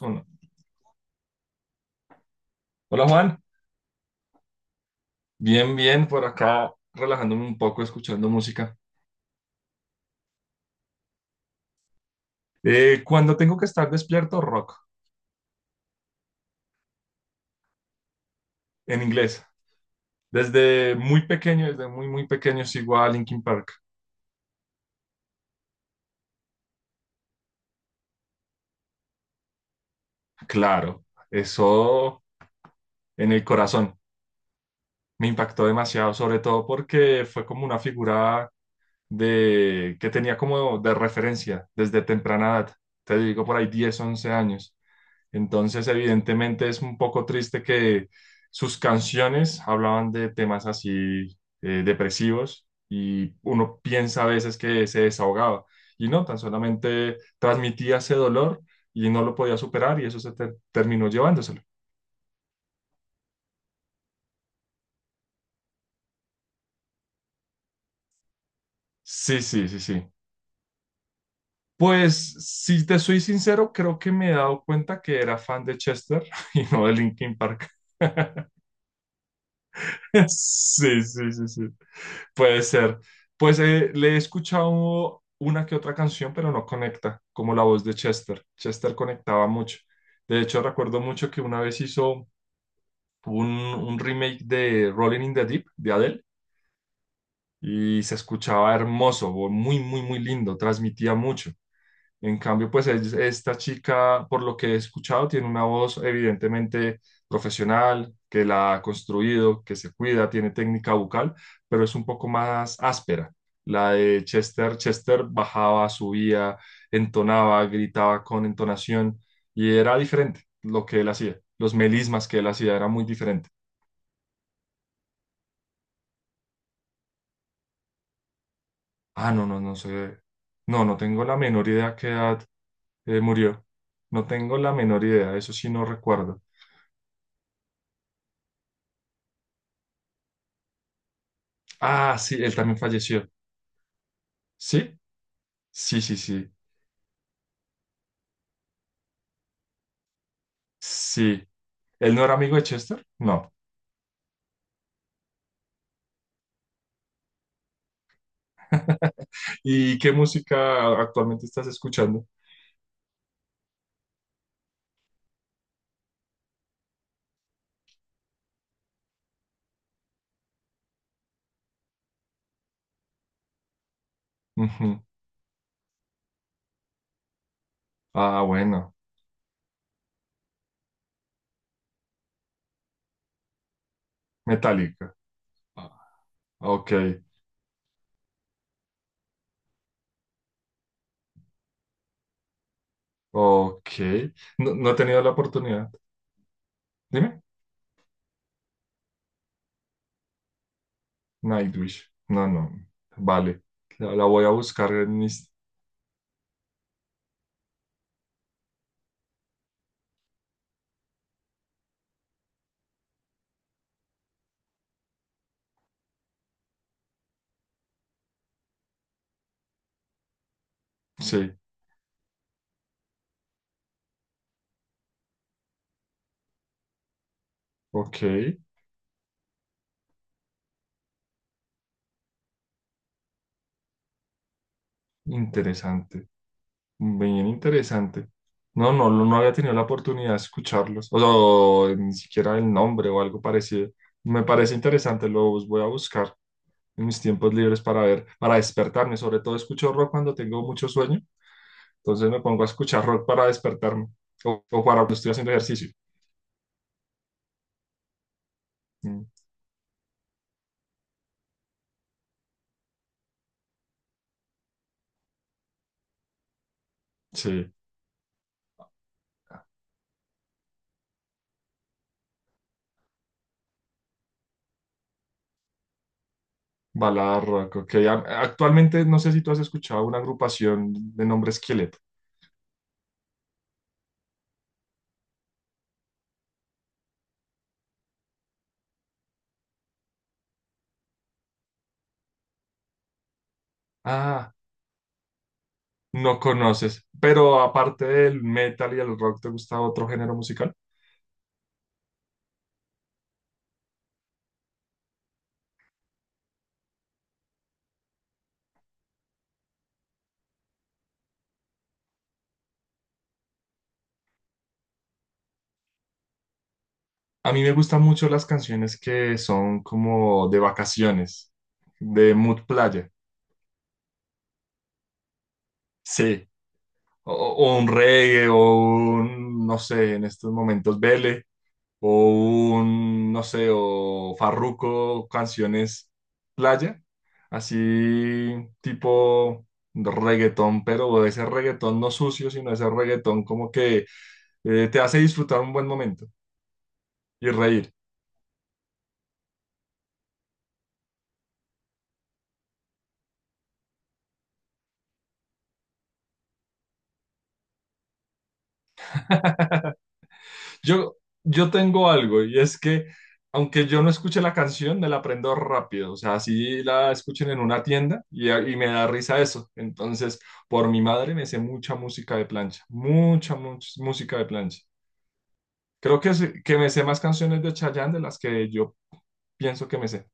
Uno. Hola Juan, bien, bien, por acá relajándome un poco, escuchando música. Cuando tengo que estar despierto, rock, en inglés. Desde muy pequeño, desde muy, muy pequeño sigo a Linkin Park. Claro, eso en el corazón me impactó demasiado, sobre todo porque fue como una figura de, que tenía como de referencia desde temprana edad. Te digo, por ahí 10, 11 años. Entonces, evidentemente es un poco triste que sus canciones hablaban de temas así depresivos, y uno piensa a veces que se desahogaba y no, tan solamente transmitía ese dolor y no lo podía superar, y eso se terminó llevándoselo. Sí, sí, sí, sí. Pues si te soy sincero, creo que me he dado cuenta que era fan de Chester y no de Linkin Park. Sí, sí, sí, sí. Puede ser. Pues le he escuchado una que otra canción, pero no conecta, como la voz de Chester. Chester conectaba mucho. De hecho, recuerdo mucho que una vez hizo un remake de Rolling in the Deep de Adele y se escuchaba hermoso, muy, muy, muy lindo, transmitía mucho. En cambio, pues esta chica, por lo que he escuchado, tiene una voz evidentemente profesional, que la ha construido, que se cuida, tiene técnica vocal, pero es un poco más áspera. La de Chester, Chester bajaba, subía, entonaba, gritaba con entonación, y era diferente lo que él hacía. Los melismas que él hacía era muy diferente. Ah, no, no, no sé. No, no tengo la menor idea qué edad murió. No tengo la menor idea, eso sí no recuerdo. Ah, sí, él también falleció. ¿Sí? Sí, sí, sí. Sí. ¿Él no era amigo de Chester? No. ¿Y qué música actualmente estás escuchando? Ujú. Ah, bueno, Metallica. Ah, ok, ok. No, no he tenido la oportunidad. Dime. Nightwish. No, no. Vale. La voy a buscar en mis... Sí, ok. Interesante. Bien interesante. No, no, no no había tenido la oportunidad de escucharlos, o sea, o ni siquiera el nombre o algo parecido. Me parece interesante, los voy a buscar en mis tiempos libres para ver, para despertarme. Sobre todo escucho rock cuando tengo mucho sueño, entonces me pongo a escuchar rock para despertarme o para cuando estoy haciendo ejercicio. Mm, sí, balada rock, ok. Actualmente no sé si tú has escuchado una agrupación de nombre Skillet. Ah, no conoces, pero aparte del metal y el rock, ¿te gusta otro género musical? A mí me gustan mucho las canciones que son como de vacaciones, de mood playa. Sí, o un reggae o un, no sé, en estos momentos, vele. O un, no sé, o Farruko, canciones playa, así tipo reggaetón, pero de ese reggaetón no sucio, sino ese reggaetón como que te hace disfrutar un buen momento y reír. Yo, yo tengo algo y es que aunque yo no escuche la canción, me la aprendo rápido, o sea, así la escuchen en una tienda y me da risa eso. Entonces, por mi madre me sé mucha música de plancha, mucha, mucha música de plancha. Creo que, que me sé más canciones de Chayanne de las que yo pienso que me sé.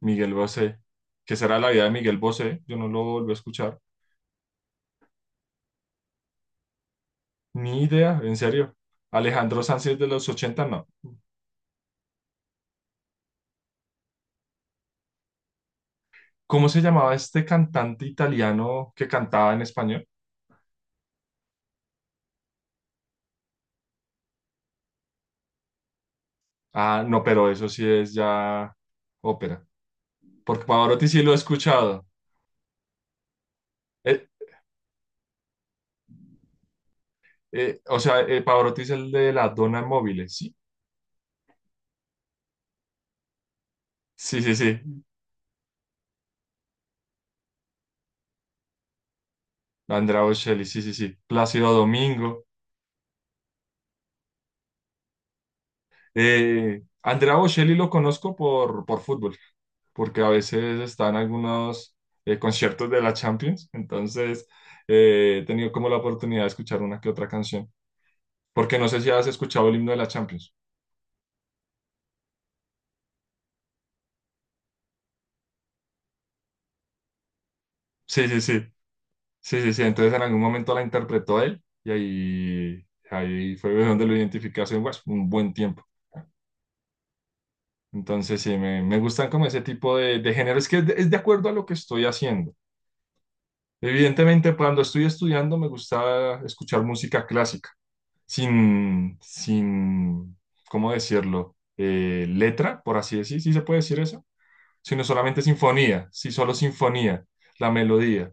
Miguel Bosé, que será la vida de Miguel Bosé, yo no lo volví a escuchar. Ni idea, en serio. Alejandro Sanz es de los ochenta no. ¿Cómo se llamaba este cantante italiano que cantaba en español? Ah, no, pero eso sí es ya ópera. Porque Pavarotti sí lo he escuchado. Eh, o sea, Pavarotti es el de la Donna Móvil, ¿sí? Sí, sí, sí. Andrea Bocelli, sí, sí, sí. Plácido Domingo. Andrea Bocelli lo conozco por fútbol, porque a veces está en algunos conciertos de la Champions, entonces he tenido como la oportunidad de escuchar una que otra canción, porque no sé si has escuchado el himno de la Champions. Sí, sí, sí, sí, sí, sí, entonces en algún momento la interpretó él y ahí, ahí fue donde lo identifiqué hace pues, un buen tiempo. Entonces sí, me gustan como ese tipo de género, es que es de acuerdo a lo que estoy haciendo. Evidentemente, cuando estoy estudiando me gusta escuchar música clásica, sin, sin, ¿cómo decirlo? Letra, por así decir, ¿sí se puede decir eso? Sino solamente sinfonía, sí, solo sinfonía, la melodía.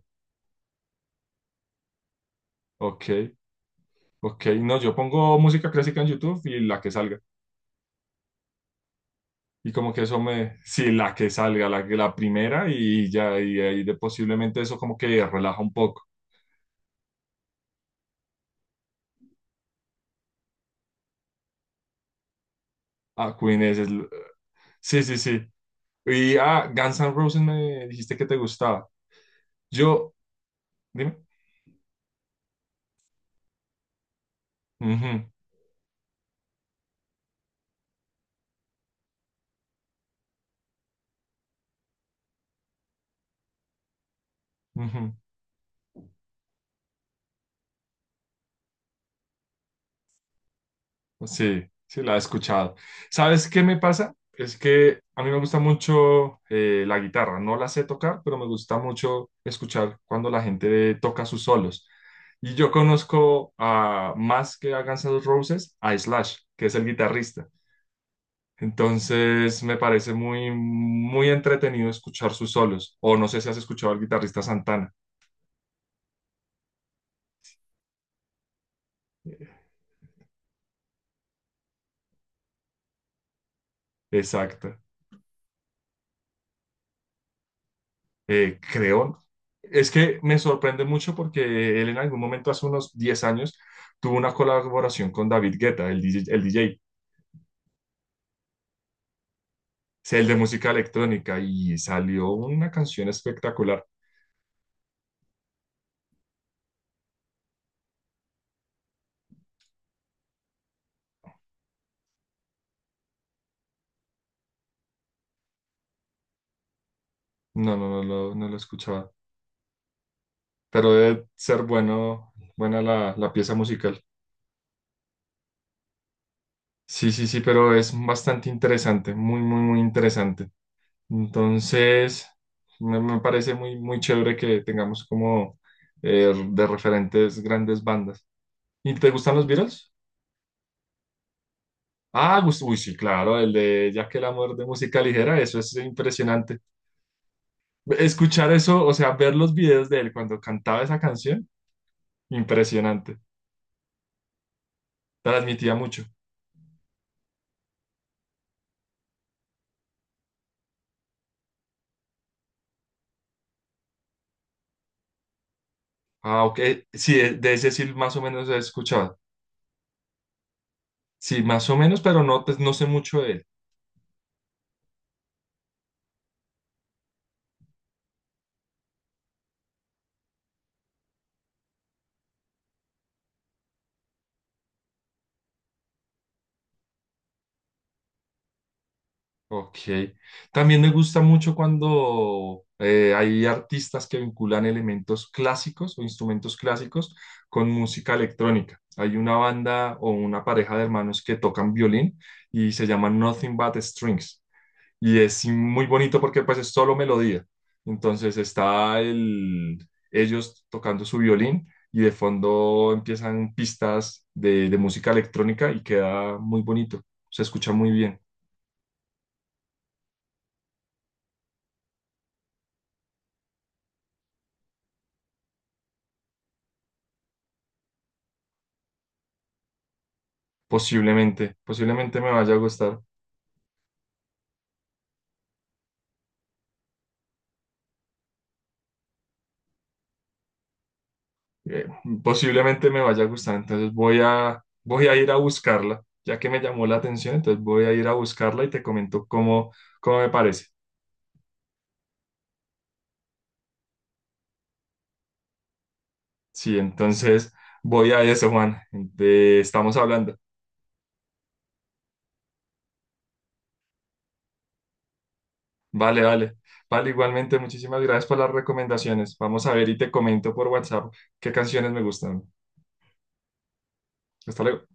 Ok, ok, no, yo pongo música clásica en YouTube y la que salga. Y como que eso me, sí, la que salga, la, la primera y ya, y ahí de posiblemente eso como que relaja un poco. Ah, Queen es, sí, sí, sí. Y ah, Guns N' Roses me dijiste que te gustaba. Yo, dime. Ujú, ujú. Sí, sí, la he escuchado. ¿Sabes qué me pasa? Es que a mí me gusta mucho la guitarra. No la sé tocar, pero me gusta mucho escuchar cuando la gente toca sus solos. Y yo conozco a más que a Guns N' Roses, a Slash, que es el guitarrista. Entonces me parece muy, muy entretenido escuchar sus solos. O no sé si has escuchado al guitarrista Santana. Exacto. Creo. Es que me sorprende mucho porque él en algún momento, hace unos 10 años, tuvo una colaboración con David Guetta, el DJ, el DJ, sí, el de música electrónica, y salió una canción espectacular. No, no, no, no, lo escuchaba, pero debe ser bueno, buena la, la pieza musical. Sí, sí, sí, pero es bastante interesante, muy, muy, muy interesante. Entonces, me parece muy, muy chévere que tengamos como de referentes grandes bandas. ¿Y te gustan los Beatles? Ah, uy, sí, claro, el de Ya que el amor de música ligera, eso es impresionante. Escuchar eso, o sea, ver los videos de él cuando cantaba esa canción, impresionante. Transmitía mucho. Ah, ok, sí, de ese sí más o menos he escuchado. Sí, más o menos, pero no, pues, no sé mucho de él. Ok. También me gusta mucho cuando hay artistas que vinculan elementos clásicos o instrumentos clásicos con música electrónica. Hay una banda o una pareja de hermanos que tocan violín y se llama Nothing But Strings. Y es sí, muy bonito porque pues es solo melodía. Entonces está el, ellos tocando su violín y de fondo empiezan pistas de música electrónica y queda muy bonito. Se escucha muy bien. Posiblemente, posiblemente me vaya a gustar. eh, Posiblemente me vaya a gustar. Entonces voy a, voy a ir a buscarla, ya que me llamó la atención, entonces voy a ir a buscarla y te comento cómo, cómo me parece. Sí, entonces voy a eso, Juan. Estamos hablando. Vale, vale. Vale, igualmente, muchísimas gracias por las recomendaciones. Vamos a ver y te comento por WhatsApp qué canciones me gustan. Hasta luego.